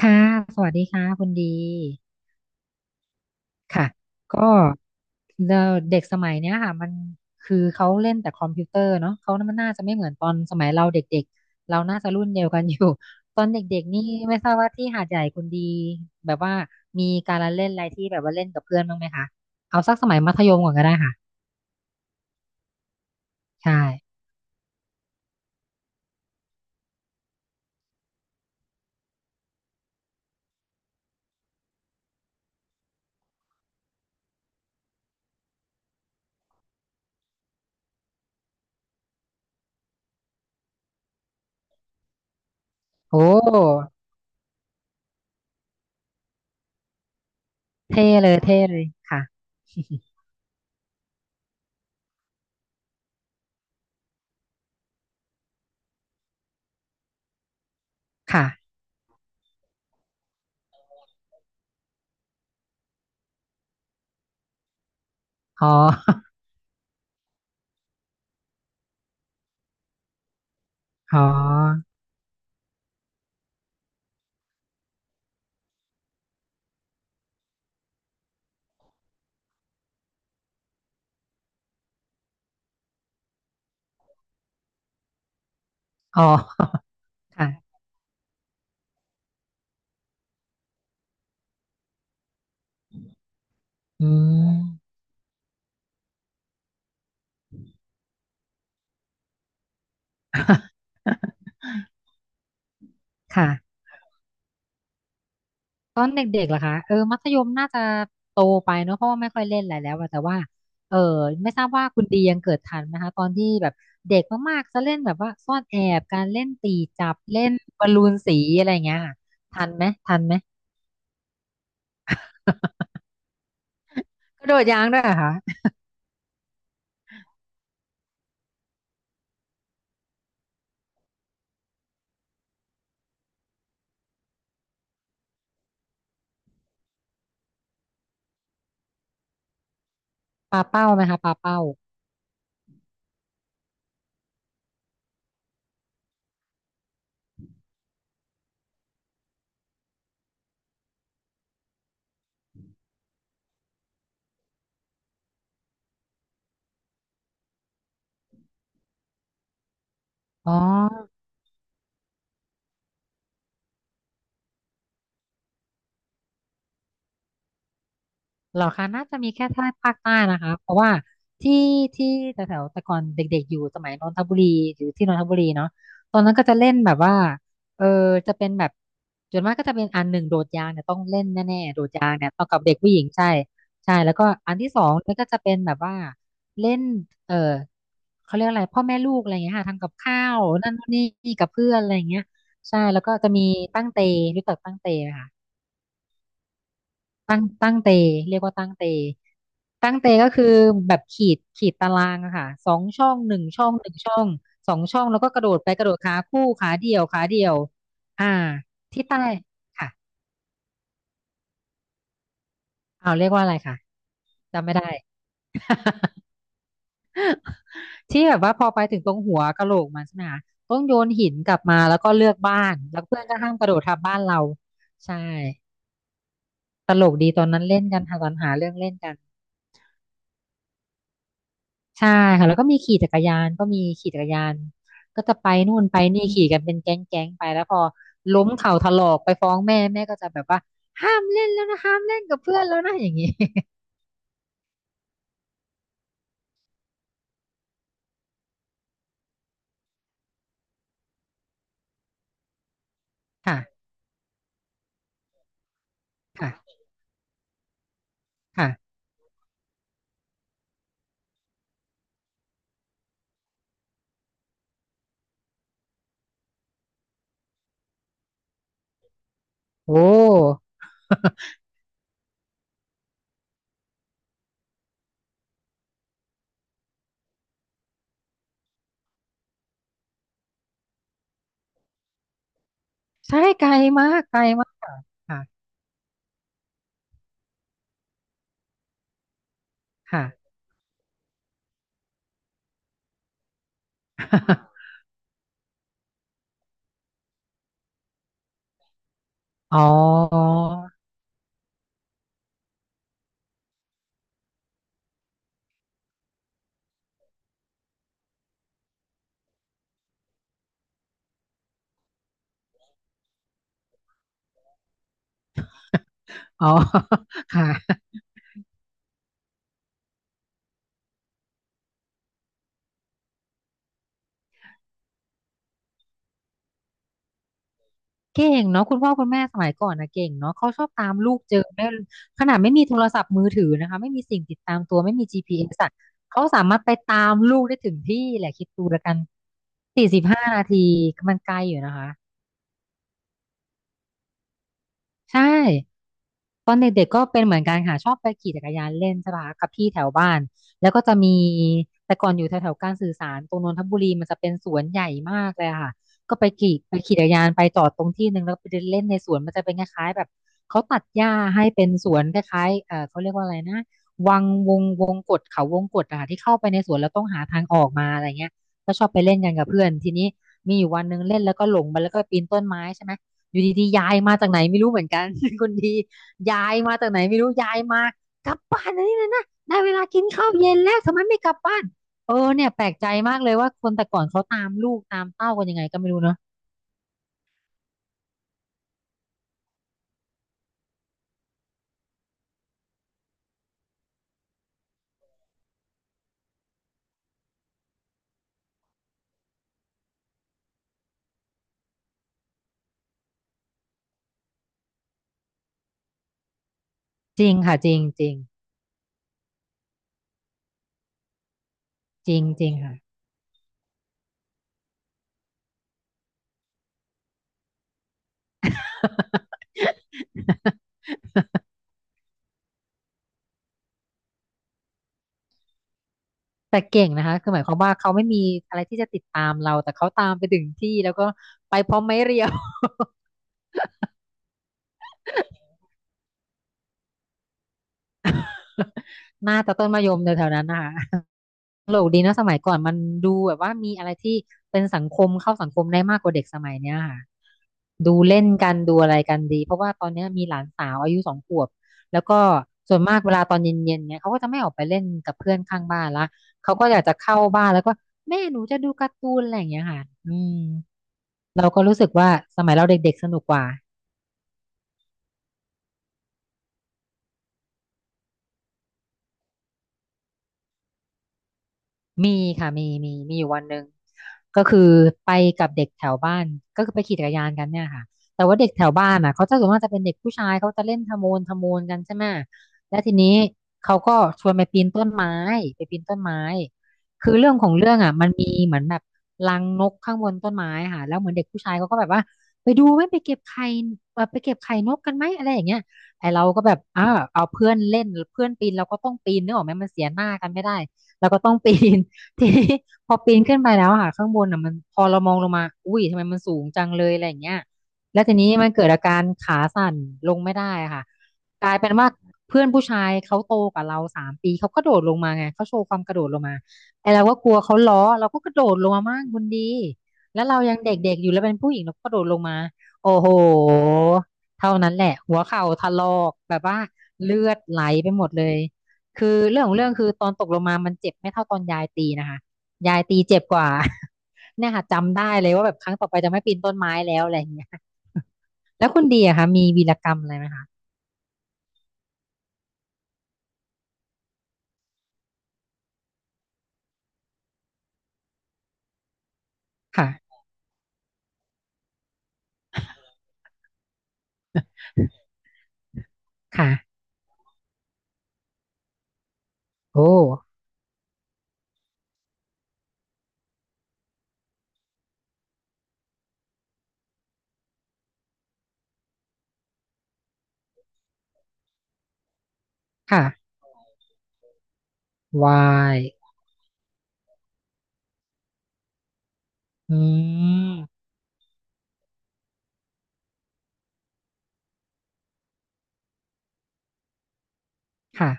ค่ะสวัสดีค่ะคุณดี ค่ะ ก็เดเด็กสมัยเนี้ยค่ะมันคือเขาเล่นแต่คอมพิวเตอร์เนาะเขามันน่าจะไม่เหมือนตอนสมัยเราเด็กๆเราน่าจะรุ่นเดียวกันอยู่ ตอนเด็กๆนี่ไม่ทราบว่าที่หาดใหญ่คุณดีแบบว่ามีการละเล่นอะไรที่แบบว่าเล่นกับเพื่อนบ้างไหมคะเอาสักสมัยมัธยมก่อนก็ได้ค่ะ ใช่โอ้เท่เลยเท่เลยค่ะ ค่ะอ๋อ อ๋ออ๋อค่ะอืม ค่ะ ตอนเด็กๆเหรอคะเออมัธยมน่าจะโตไปเนอะเพราะว่าไม่ค่อยเล่นอะไรแล้วอะแต่ว่าเออไม่ทราบว่าคุณดียังเกิดทันไหมคะตอนที่แบบเด็กมากๆจะเล่นแบบว่าซ่อนแอบการเล่นตีจับเล่นบอลลูนสีอะไรอย่างเงี้ยค่ะทันไหมทันไหม กระโดดยางด้วยเหรอคะปาเป้าไหมคะปาเป้าอ๋อ เหรอคะน่าจะมีแค่ท่าภาคใต้นะคะเพราะว่าที่ที่แถวๆแต่ก่อนเด็กๆอยู่สมัยนนทบุรีอยู่ที่นนทบุรีเนาะตอนนั้นก็จะเล่นแบบว่าเออจะเป็นแบบส่วนมากก็จะเป็นอันหนึ่งโดดยางเนี่ยต้องเล่นแน่ๆโดดยางเนี่ยต้องกับเด็กผู้หญิงใช่ใช่แล้วก็อันที่สองมันก็จะเป็นแบบว่าเล่นเออเขาเรียกอะไรพ่อแม่ลูกอะไรอย่างเงี้ยค่ะทำกับข้าวนั่นนู่นนี่กับเพื่อนอะไรอย่างเงี้ยใช่แล้วก็จะมีตั้งเตรู้จักตั้งเตไหมคะ ตั้งเตเรียกว่าตั้งเตตั้งเตก็คือแบบขีดขีดตารางอะค่ะสองช่องหนึ่งช่องหนึ่งช่องสองช่องแล้วก็กระโดดไปกระโดดขาคู่ขาเดี่ยวขาเดี่ยวอ่าที่ใต้ค่ะเอาเรียกว่าอะไรค่ะจำไม่ได้ ที่แบบว่าพอไปถึงตรงหัวกะโหลกมันใช่ไหมคะต้องโยนหินกลับมาแล้วก็เลือกบ้านแล้วเพื่อนก็ห้ามกระโดดทับบ้านเราใช่ตลกดีตอนนั้นเล่นกันหาตอนหาเรื่องเล่นกัน ใช่ค่ะแล้วก็มีขี่จักรยานก็มีขี่จักรยานก็จะไปนู่นไปนี่ขี่กันเป็นแก๊งแก๊งไปแล้วพอล้มเข่าถลอกไปฟ้องแม่แม่ก็จะแบบว่าห้ามเล่นแล้วนะห้ามเล่นกับเพื่อนแล้วนะอย่างนี้ ค่ะค่ะค่ะโอ้ ใช่ไกลมากไกลมากค่ะค่ะค่ะ อ๋ออ๋อ ค่ะ เก่งเนาะคุณพ่อคุณแม่สมัยก่อนนะเก่งเนาะเขาชอบตามลูกเจอได้ขนาดไม่มีโทรศัพท์มือถือนะคะไม่มีสิ่งติดตามตัวไม่มี GPS อสอะเขาสามารถไปตามลูกได้ถึงที่แหละคิดดูแล้วกัน45 นาทีมันไกลอยู่นะคะใช่ ตอนเด็กๆก็เป็นเหมือนกันค่ะชอบไปขี่จักรยานเล่นใช่ปะคะกับพี่แถวบ้านแล้วก็จะมีแต่ก่อนอยู่แถวๆการสื่อสารตรงนนทบุรีมันจะเป็นสวนใหญ่มากเลยอะค่ะก็ไปขี่ไปขี่จักรยานไปจอดตรงที่หนึ่งแล้วก็ไปเดินเล่นในสวนมันจะเป็นคล้ายๆแบบเขาตัดหญ้าให้เป็นสวนคล้ายๆเขาเรียกว่าอะไรนะวังวงวงกตเขาวงกตอะค่ะที่เข้าไปในสวนแล้วต้องหาทางออกมาอะไรเงี้ยก็ชอบไปเล่นกันกับเพื่อนทีนี้มีอยู่วันหนึ่งเล่นแล้วก็หลงไปแล้วก็ปีนต้นไม้ใช่ไหมอยู่ดีๆยายมาจากไหนไม่รู้เหมือนกัน คนดี ย้ายมาจากไหนไม่รู้ยายมากลับบ้านนะนี่นะนะได้เวลากินข้าวเย็นแล้วทำไมไม่กลับบ้านเออเนี่ยแปลกใจมากเลยว่าคนแต่ก่อนเขาตามลูกตามเต้ากันยังไงก็ไม่รู้เนาะจริงค่ะจริงจริงจริงจริงค่ะ แต่เก่งนะคะคือหมายความว่าเขาไม่มีอะไรที่จะติดตามเราแต่เขาตามไปถึงที่แล้วก็ไปพร้อมไม้เรียว น่าจะต้นมะยมในแถวๆนั้นนะคะ ตลกดีเนอะสมัยก่อนมันดูแบบว่ามีอะไรที่เป็นสังคมเข้าสังคมได้มากกว่าเด็กสมัยเนี้ยค่ะดูเล่นกันดูอะไรกันดีเพราะว่าตอนเนี้ยมีหลานสาวอายุ2 ขวบแล้วก็ส่วนมากเวลาตอนเย็นๆเนี่ยเขาก็จะไม่ออกไปเล่นกับเพื่อนข้างบ้านละเขาก็อยากจะเข้าบ้านแล้วก็แม่หนูจะดูการ์ตูนอะไรอย่างเงี้ยค่ะอืมเราก็รู้สึกว่าสมัยเราเด็กๆสนุกกว่า มีค่ะมีมีอยู่วันหนึ่งก็คือไปกับเด็กแถวบ้านก็คือไปขี่จักรยานกันเนี่ยค่ะแต่ว่าเด็กแถวบ้านอ่ะเขาจะส่วนมากจะเป็นเด็กผู้ชายเขาจะเล่นทะโมนทะโมนกันใช่ไหมแล้วทีนี้เขาก็ชวนไปปีนต้นไม้ไปปีนต้นไม้คือเรื่องของเรื่องอ่ะมันมีเหมือนแบบรังนกข้างบนต้นไม้ค่ะแล้วเหมือนเด็กผู้ชายเขาก็แบบว่าไปดูไหมไปเก็บไข่ไปเก็บไข่นกกันไหมอะไรอย่างเงี้ยไอเราก็แบบอ้าวเอาเพื่อนเล่นเพื่อนปีนเราก็ต้องปีนนึกออกไหมมันเสียหน้ากันไม่ได้เราก็ต้องปีน ทีนี้พอปีนขึ้นไปแล้วอะค่ะข้างบนอ่ะมันพอเรามองลงมาอุ้ยทำไมมันสูงจังเลยอะไรอย่างเงี้ยแล้วทีนี้มันเกิดอาการขาสั่นลงไม่ได้อะค่ะกลายเป็นว่าเพื่อนผู้ชายเขาโตกว่าเรา3 ปีเขากระโดดลงมาไงเขาโชว์ความกระโดดลงมาไอเราก็กลัวเขาล้อเราก็กระโดดลงมามากคุณดีแล้วเรายังเด็กๆอยู่แล้วเป็นผู้หญิงเราก็กระโดดลงมาโอ้โหเท่านั้นแหละหัวเข่าถลอกแบบว่าเลือดไหลไปหมดเลย คือเรื่องของเรื่องคือตอนตกลงมามันเจ็บไม่เท่าตอนยายตีนะคะยายตีเจ็บกว่า เนี่ยค่ะจำได้เลยว่าแบบครั้งต่อไปจะไม่ปีนต้นไม้แล้วอะไรอย่างเงี้ยแล้วคุณได้ไหมคะค่ะค่ะโอ้ค่ะ why อืมค่ะ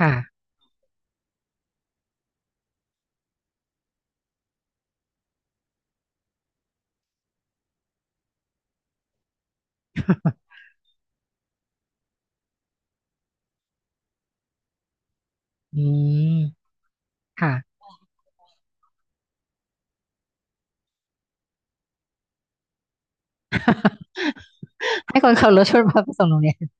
ค่ะอืมค่ะ ให้คนขับรถชนพาไปส่งโรงเรียน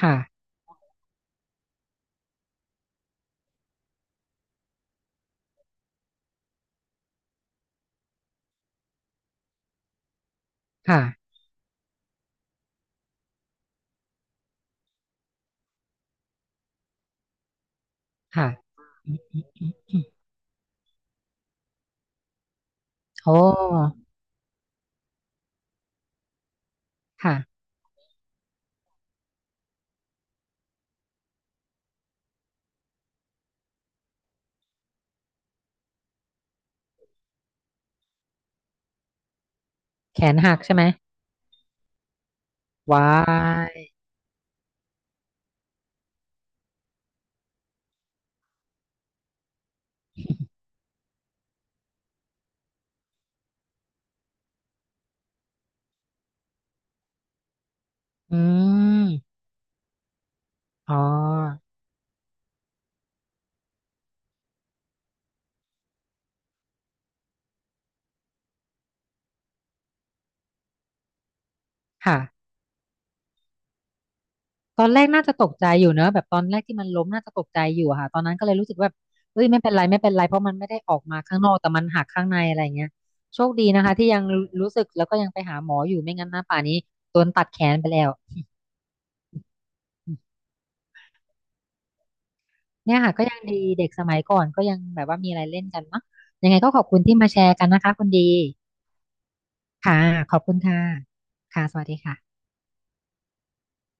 ค่ะค่ะค่ะอืมโอ้ค่ะแขนหักใช่ไหม why อืมอ๋อค่ะ ตอนแรกน่าจะตกใจอยู่เนอะแบบตอนแรกที่มันล้มน่าจะตกใจอยู่อะค่ะตอนนั้นก็เลยรู้สึกว่าแบบเอ้ยไม่เป็นไรไม่เป็นไรเพราะมันไม่ได้ออกมาข้างนอกแต่มันหักข้างในอะไรเงี้ยโชคดีนะคะที่ยังรู้สึกแล้วก็ยังไปหาหมออยู่ไม่งั้นหน้าป่านนี้โดนตัดแขนไปแล้วเนี่ยค่ะก็ยังดีเด็กสมัยก่อนก็ยังแบบว่ามีอะไรเล่นกันเนาะยังไงก็ขอบคุณที่มาแชร์กันนะคะคุณดีค่ะขอบคุณค่ะค่ะสวัสดีค่ะ